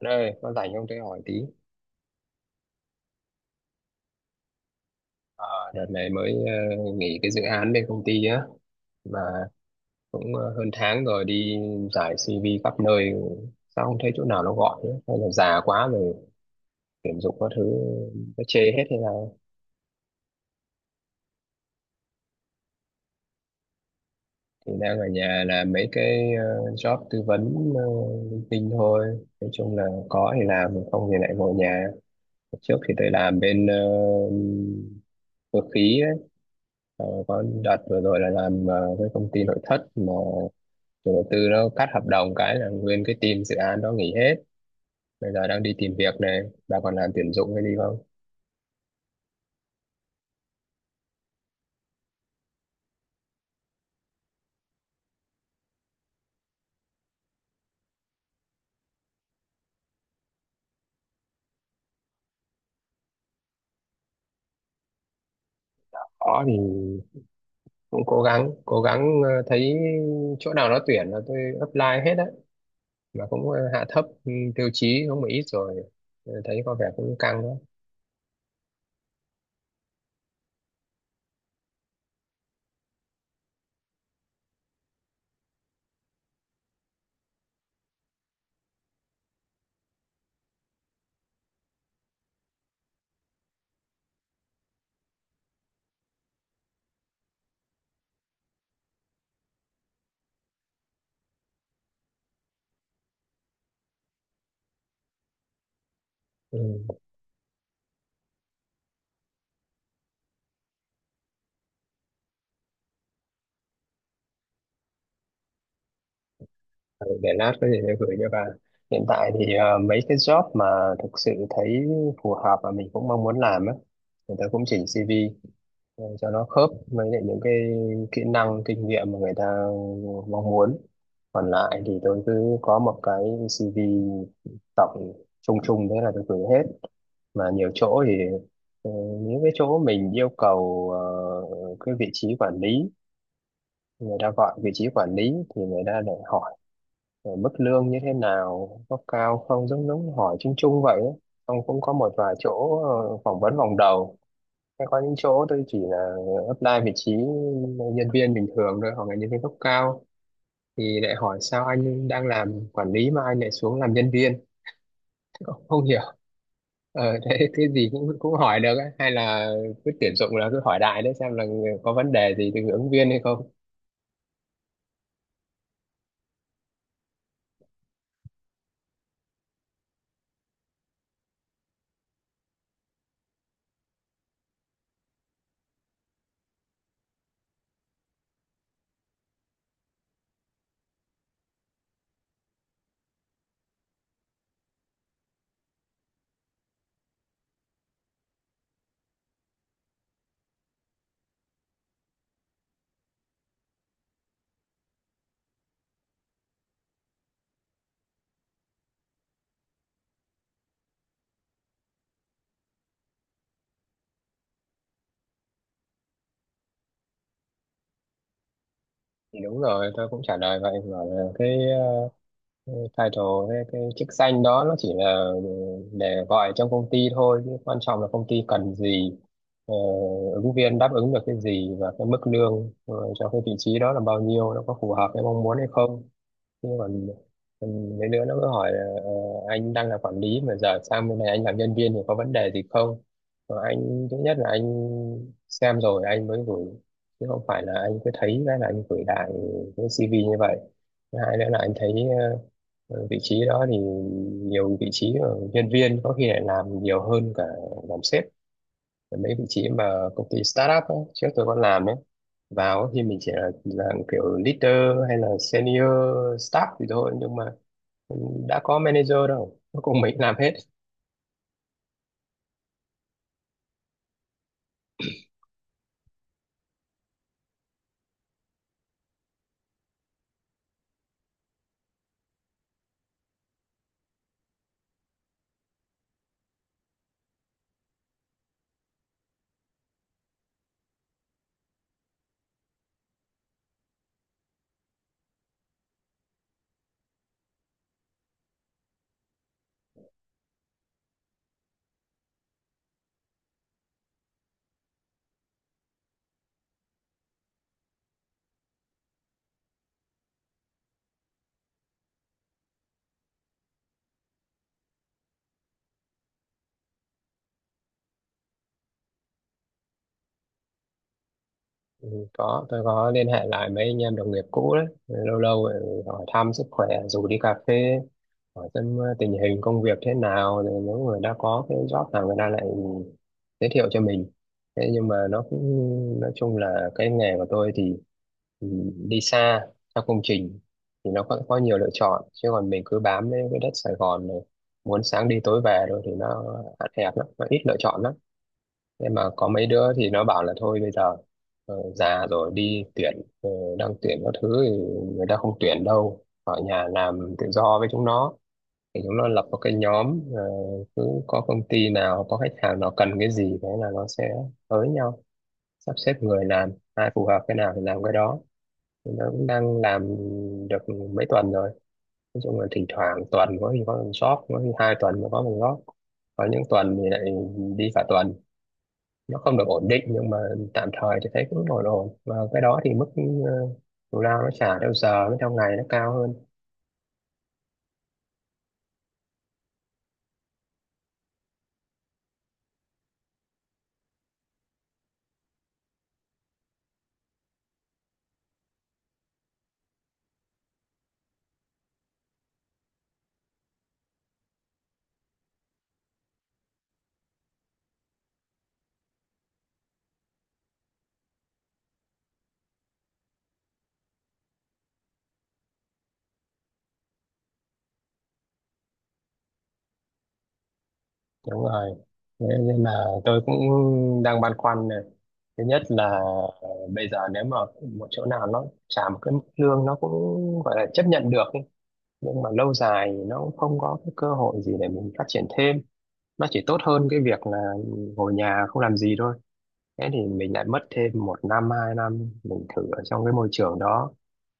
Anh ơi, con rảnh không tôi hỏi tí. Ờ, Đợt này mới nghỉ cái dự án bên công ty á, mà cũng hơn tháng rồi đi giải CV khắp nơi, sao không thấy chỗ nào nó gọi nữa? Hay là già quá rồi, tuyển dụng các thứ nó chê hết hay nào? Thì đang ở nhà làm mấy cái job tư vấn linh tinh thôi. Nói chung là có thì làm, không thì lại ngồi nhà. Trước thì tôi làm bên cơ khí ấy. Có đợt vừa rồi là làm với công ty nội thất mà chủ đầu tư nó cắt hợp đồng, cái là nguyên cái team dự án đó nghỉ hết. Bây giờ đang đi tìm việc này, bà còn làm tuyển dụng hay đi không? Có thì cũng cố gắng cố gắng, thấy chỗ nào nó tuyển là tôi apply hết á, mà cũng hạ thấp tiêu chí không một ít rồi. Thấy có vẻ cũng căng đó. Ừ. Ờ, để lát có gì tôi gửi cho bà. Hiện tại thì mấy cái job mà thực sự thấy phù hợp và mình cũng mong muốn làm á, người ta cũng chỉnh CV để cho nó khớp với lại những cái kỹ năng kinh nghiệm mà người ta mong muốn. Còn lại thì tôi cứ có một cái CV tổng chung chung, thế là tôi gửi hết. Mà nhiều chỗ thì ờ, những cái chỗ mình yêu cầu cái vị trí quản lý, người ta gọi vị trí quản lý thì người ta lại hỏi mức lương như thế nào, có cao không, giống giống hỏi chung chung vậy ấy. Xong cũng có một vài chỗ phỏng vấn vòng đầu. Có những chỗ tôi chỉ là apply vị trí nhân viên bình thường thôi, hoặc là nhân viên cấp cao thì lại hỏi sao anh đang làm quản lý mà anh lại xuống làm nhân viên, không hiểu. Thế cái gì cũng cũng hỏi được ấy. Hay là cứ tuyển dụng là cứ hỏi đại đấy xem là có vấn đề gì từ ứng viên hay không. Thì đúng rồi, tôi cũng trả lời vậy, bảo là cái title, cái chức danh đó nó chỉ là để gọi trong công ty thôi, chứ quan trọng là công ty cần gì. ờ, Ứng viên đáp ứng được cái gì, và cái mức lương cho cái vị trí đó là bao nhiêu, nó có phù hợp với mong muốn hay không. Nhưng mà ừ, mấy đứa nó cứ hỏi là anh đang là quản lý mà giờ sang bên này anh làm nhân viên thì có vấn đề gì không. Mà anh thứ nhất là anh xem rồi anh mới gửi, chứ không phải là anh cứ thấy cái là anh gửi lại cái CV như vậy. Thứ hai nữa là anh thấy ờ, vị trí đó thì nhiều vị trí ở nhân viên có khi lại làm nhiều hơn cả làm sếp. Mấy vị trí mà công ty startup ấy, trước tôi còn làm ấy, vào thì mình chỉ là dạng kiểu leader hay là senior staff thì thôi, nhưng mà đã có manager đâu, cuối cùng mình làm hết. Ừ, có tôi có liên hệ lại mấy anh em đồng nghiệp cũ đấy, lâu lâu lại hỏi thăm sức khỏe rủ đi cà phê, hỏi xem tình hình công việc thế nào, rồi nếu người đã có cái job nào người ta lại giới thiệu cho mình. Thế nhưng mà nó cũng nói chung là cái nghề của tôi thì ừ, đi xa theo công trình thì nó có nhiều lựa chọn, chứ còn mình cứ bám lấy cái đất Sài Gòn này muốn sáng đi tối về rồi thì nó hạn hẹp lắm, nó ít lựa chọn lắm. Thế mà có mấy đứa thì nó bảo là thôi bây giờ già rồi đi tuyển, ờ, đang tuyển các thứ thì người ta không tuyển đâu, ở nhà làm tự do với chúng nó. Thì chúng nó lập một cái nhóm, cứ có công ty nào, có khách hàng nào cần cái gì, thế là nó sẽ tới nhau sắp xếp người làm, ai phù hợp cái nào thì làm cái đó. Thì nó cũng đang làm được mấy tuần rồi. Nói chung là thỉnh thoảng tuần có khi có một shop, có khi 2 tuần mới có một shop, có những tuần thì lại đi cả tuần, nó không được ổn định. Nhưng mà tạm thời thì thấy cũng ổn ổn, và cái đó thì mức ờ, thù lao nó trả theo giờ với theo ngày nó cao hơn. Đúng rồi, thế nên là tôi cũng đang băn khoăn này. Thứ nhất là ờ, bây giờ nếu mà một chỗ nào nó trả một cái mức lương nó cũng gọi là chấp nhận được ý. Nhưng mà lâu dài nó cũng không có cái cơ hội gì để mình phát triển thêm, nó chỉ tốt hơn cái việc là ngồi nhà không làm gì thôi. Thế thì mình lại mất thêm một năm 2 năm mình thử ở trong cái môi trường đó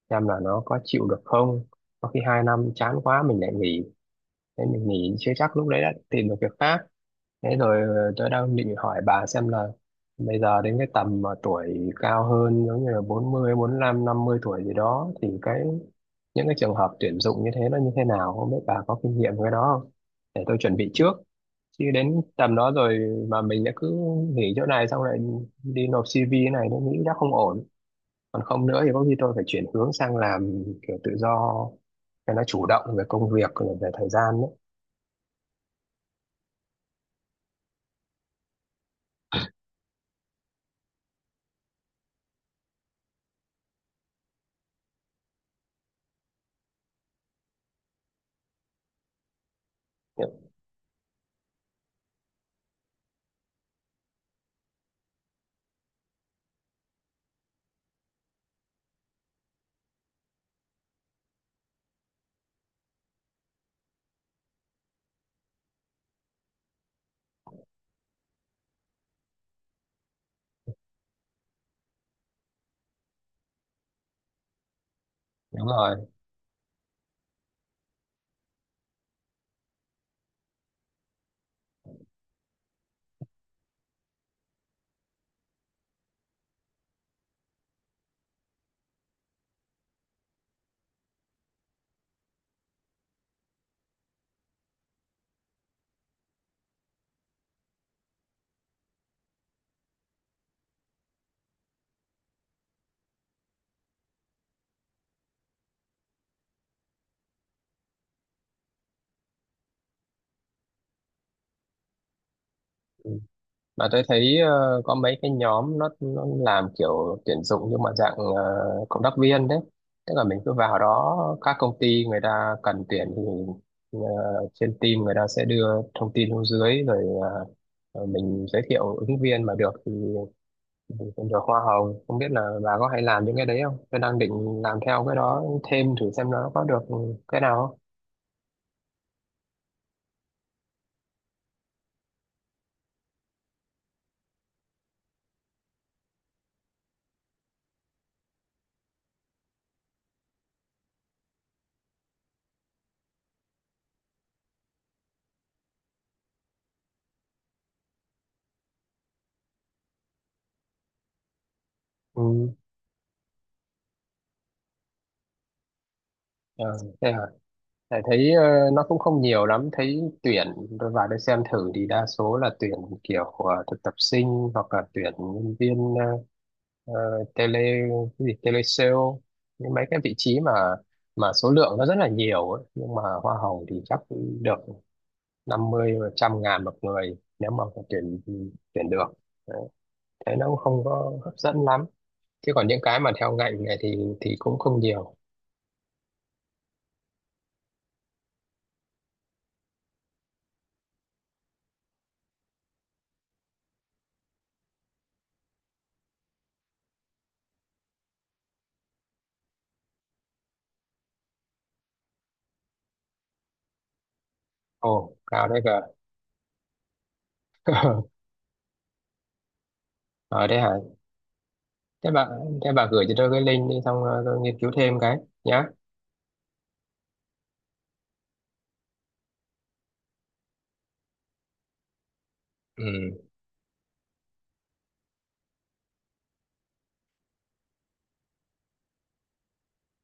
xem là nó có chịu được không. Có khi 2 năm chán quá mình lại nghỉ, thế mình nghỉ chưa chắc lúc đấy đã tìm được việc khác. Thế rồi tôi đang định hỏi bà xem là bây giờ đến cái tầm mà tuổi cao hơn, giống như là 40, 50 tuổi gì đó, thì cái những cái trường hợp tuyển dụng như thế nó như thế nào, không biết bà có kinh nghiệm với cái đó không, để tôi chuẩn bị trước. Chứ đến tầm đó rồi mà mình đã cứ nghỉ chỗ này xong lại đi nộp CV, này nó nghĩ đã không ổn. Còn không nữa thì có khi tôi phải chuyển hướng sang làm kiểu tự do cho nó chủ động về công việc, về thời gian. Đấy. Đúng rồi. Mà tôi thấy có mấy cái nhóm nó làm kiểu tuyển dụng, nhưng mà dạng cộng tác viên đấy. Tức là mình cứ vào đó, các công ty người ta cần tuyển thì ờ, trên team người ta sẽ đưa thông tin xuống dưới, rồi ờ, mình giới thiệu ứng viên mà được thì mình cũng được hoa hồng. Không biết là bà có hay làm những cái đấy không? Tôi đang định làm theo cái đó thêm thử xem nó có được cái nào không. Ừ. Ờ, Thế hả? Tại thấy nó cũng không nhiều lắm, thấy tuyển tôi vào đây xem thử thì đa số là tuyển kiểu thực tập sinh, hoặc là tuyển nhân viên ờ, tele, cái gì tele sale, những mấy cái vị trí mà số lượng nó rất là nhiều ấy. Nhưng mà hoa hồng thì chắc được 50 trăm ngàn một người nếu mà tuyển tuyển được. Đấy. Thấy nó cũng không có hấp dẫn lắm. Chứ còn những cái mà theo ngành này thì cũng không nhiều. Ồ, cao đấy cơ. Ở đây hả? thế bà thế bà gửi cho tôi cái link đi, xong tôi nghiên cứu thêm cái nhá. Ừ,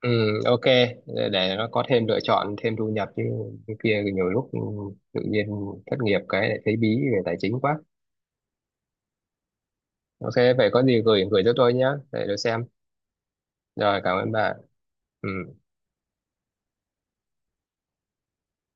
ừ, ok. Để nó có thêm lựa chọn, thêm thu nhập chứ. Cái kia thì nhiều lúc tự nhiên thất nghiệp cái lại thấy bí về tài chính quá. Ok vậy, có gì gửi gửi cho tôi nhá, để tôi xem. Rồi cảm ơn bà. Ừ.